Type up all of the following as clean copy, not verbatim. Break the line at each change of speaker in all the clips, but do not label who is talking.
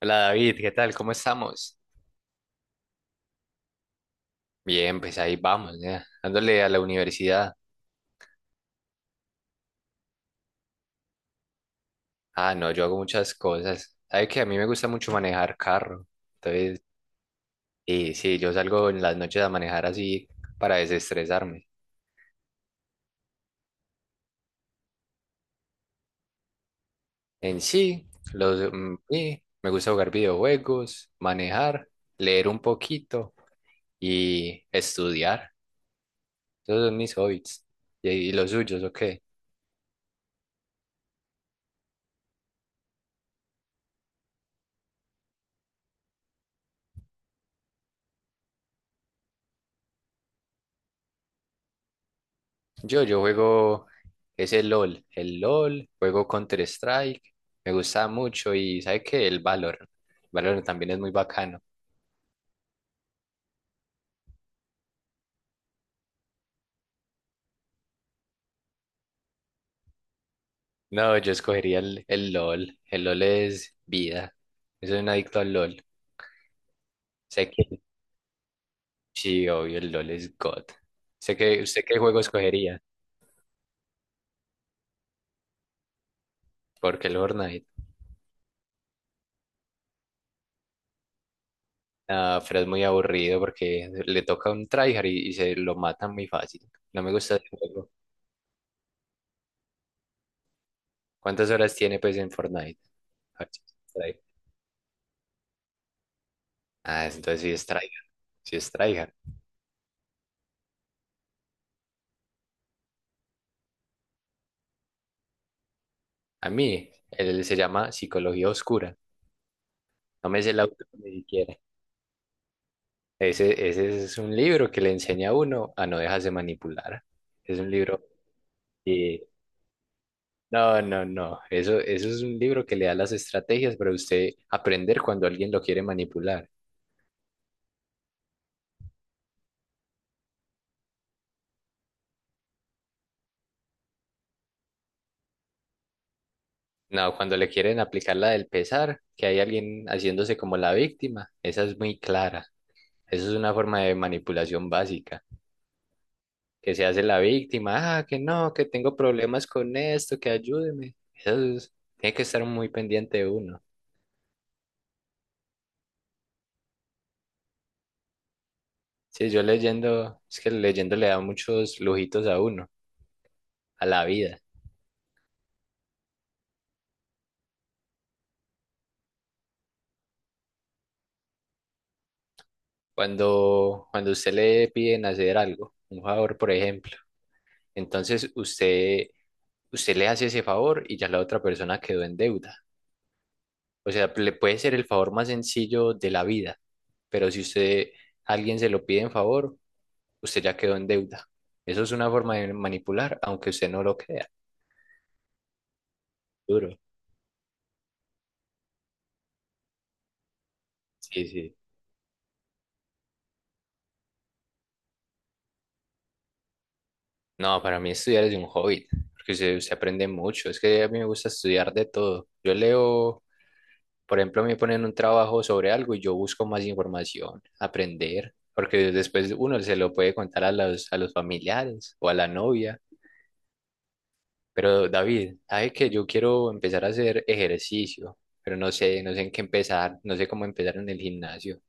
Hola David, ¿qué tal? ¿Cómo estamos? Bien, pues ahí vamos, ya, dándole a la universidad. Ah, no, yo hago muchas cosas. ¿Sabes que A mí me gusta mucho manejar carro. Entonces, sí, sí, yo salgo en las noches a manejar así para desestresarme. En sí, los, sí, me gusta jugar videojuegos, manejar, leer un poquito y estudiar. Esos son mis hobbies. ¿Y, los suyos? O yo juego ese LOL, el LOL, juego Counter-Strike, me gusta mucho y ¿sabe qué? El Valorant. Valorant también es muy bacano. No, yo escogería el LOL, el LOL es vida. Yo soy un adicto al LOL. Sé que sí, obvio, el LOL es God. Sé que usted qué juego escogería, porque el Fortnite, ah, pero es muy aburrido porque le toca un tryhard y se lo matan muy fácil. No me gusta el juego. ¿Cuántas horas tiene pues en Fortnite? A ver si es tryhard. Ah, entonces sí es tryhard, si es tryhard. A mí, él se llama Psicología Oscura. No me sé el autor ni siquiera. Ese es un libro que le enseña a uno a no dejarse manipular. Es un libro que... No, no, no. Eso es un libro que le da las estrategias para usted aprender cuando alguien lo quiere manipular. No, cuando le quieren aplicar la del pesar, que hay alguien haciéndose como la víctima, esa es muy clara. Eso es una forma de manipulación básica. Que se hace la víctima, ah, que no, que tengo problemas con esto, que ayúdeme. Tiene que estar muy pendiente de uno. Sí, yo leyendo, es que leyendo le da muchos lujitos a uno, a la vida. Cuando usted le piden hacer algo, un favor, por ejemplo, entonces usted, usted le hace ese favor y ya la otra persona quedó en deuda. O sea, le puede ser el favor más sencillo de la vida, pero si usted, a alguien se lo pide en favor, usted ya quedó en deuda. Eso es una forma de manipular, aunque usted no lo crea. Duro. Sí, sí. No, para mí estudiar es un hobby, porque se aprende mucho. Es que a mí me gusta estudiar de todo. Yo leo, por ejemplo, me ponen un trabajo sobre algo y yo busco más información, aprender, porque después uno se lo puede contar a los familiares o a la novia. Pero David, ¿sabe que yo quiero empezar a hacer ejercicio? Pero no sé, no sé en qué empezar, no sé cómo empezar en el gimnasio.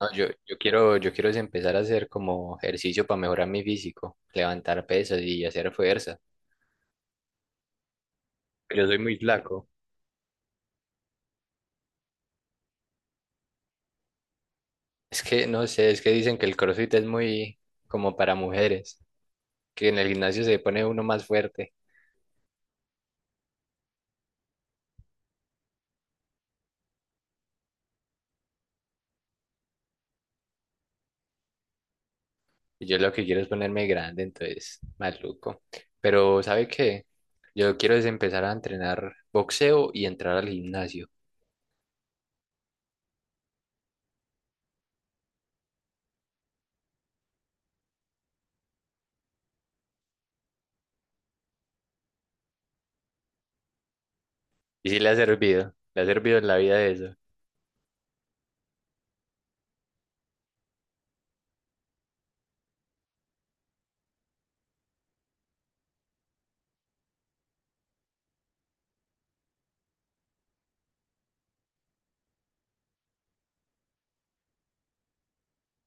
No, yo quiero es empezar a hacer como ejercicio para mejorar mi físico, levantar pesas y hacer fuerza. Yo soy muy flaco. Es que no sé, es que dicen que el CrossFit es muy como para mujeres, que en el gimnasio se pone uno más fuerte. Y yo lo que quiero es ponerme grande, entonces, maluco. Pero, ¿sabe qué? Yo quiero es empezar a entrenar boxeo y entrar al gimnasio. Y sí le ha servido en la vida eso.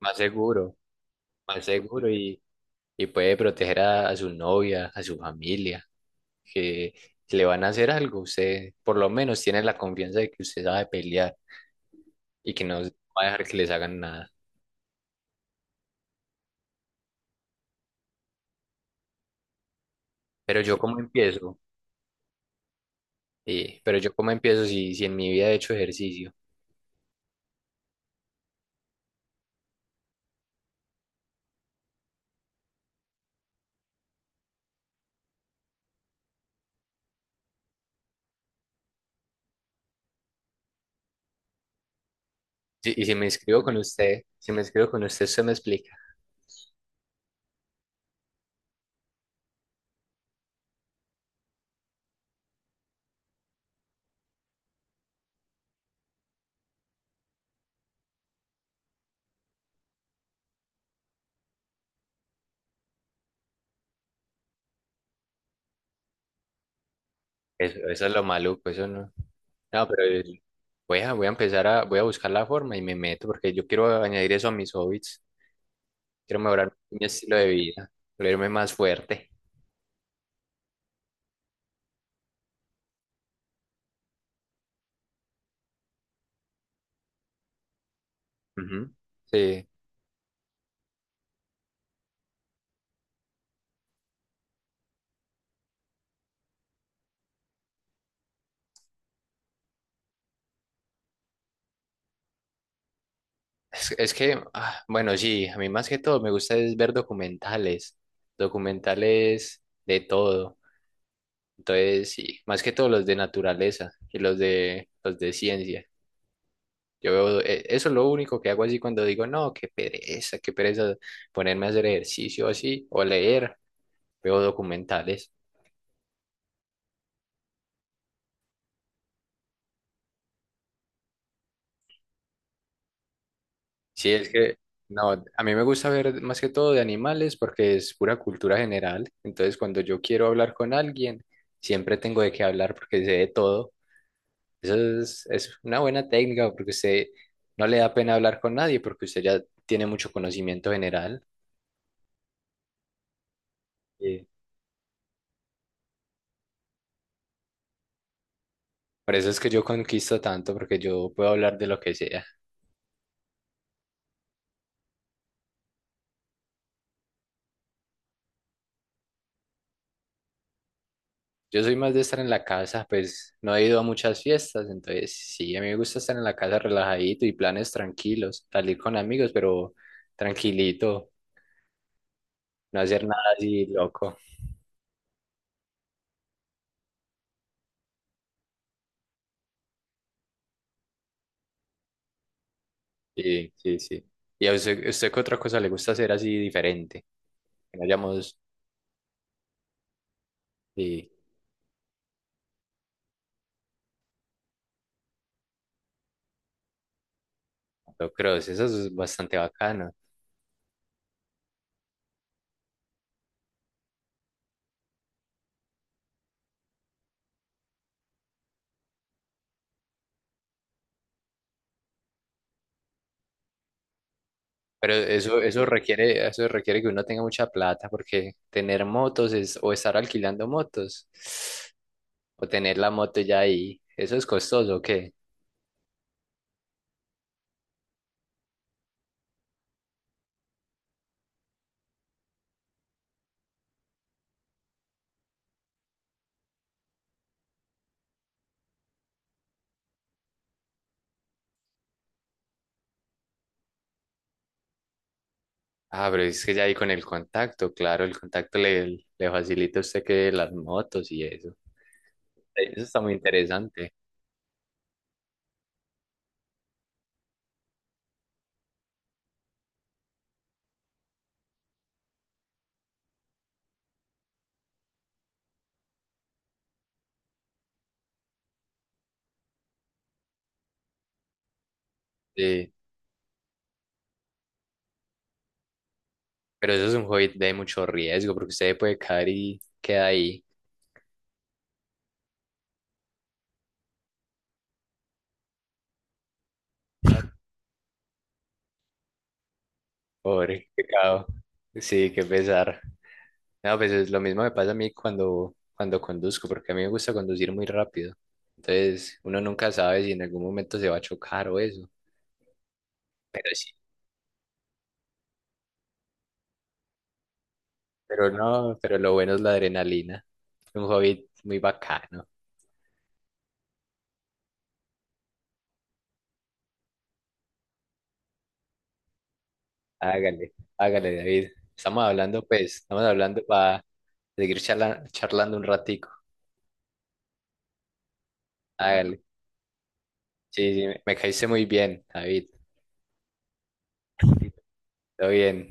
Más seguro, más seguro y puede proteger a su novia, a su familia, que si le van a hacer algo, usted por lo menos tiene la confianza de que usted sabe pelear y que no va a dejar que les hagan nada. Pero yo cómo empiezo. Sí, pero yo cómo empiezo si, si en mi vida he hecho ejercicio. Sí, y si me inscribo con usted, si me inscribo con usted, usted me explica. Eso es lo maluco, eso no. No, pero el- Voy a, voy a empezar a, voy a buscar la forma y me meto porque yo quiero añadir eso a mis hobbies. Quiero mejorar mi estilo de vida, volverme más fuerte. Ujú. Sí, es, bueno, sí, a mí más que todo me gusta es ver documentales, documentales de todo. Entonces, sí, más que todo los de naturaleza y los de ciencia. Yo veo, eso es lo único que hago así cuando digo, no, qué pereza ponerme a hacer ejercicio así o leer, veo documentales. Sí, es que, no, a mí me gusta ver más que todo de animales porque es pura cultura general. Entonces, cuando yo quiero hablar con alguien, siempre tengo de qué hablar porque sé de todo. Eso es una buena técnica porque usted no le da pena hablar con nadie porque usted ya tiene mucho conocimiento general. Sí. Por eso es que yo conquisto tanto porque yo puedo hablar de lo que sea. Yo soy más de estar en la casa, pues no he ido a muchas fiestas, entonces sí, a mí me gusta estar en la casa relajadito y planes tranquilos, salir con amigos, pero tranquilito, no hacer nada así loco. Sí, sí, sí. ¿Y a usted, usted qué otra cosa le gusta hacer así diferente? Que no hayamos, sí, motocross, eso es bastante bacano. Pero eso, eso requiere que uno tenga mucha plata, porque tener motos es, o estar alquilando motos, o tener la moto ya ahí, eso es costoso, ¿o qué? Ah, pero es que ya ahí con el contacto, claro, el contacto le, le facilita a usted que las motos y eso. Eso está muy interesante. Sí, pero eso es un hobby de mucho riesgo, porque usted puede caer y queda ahí. Pobre, qué pecado. Sí, qué pesar. No, pues es lo mismo me pasa a mí cuando conduzco, porque a mí me gusta conducir muy rápido. Entonces, uno nunca sabe si en algún momento se va a chocar o eso. Pero sí, pero no, pero lo bueno es la adrenalina. Un hobby muy bacano. Hágale, hágale, David. Estamos hablando, pues, estamos hablando para seguir charlando un ratico. Hágale. Sí, sí, me caíste muy bien, David. Todo bien.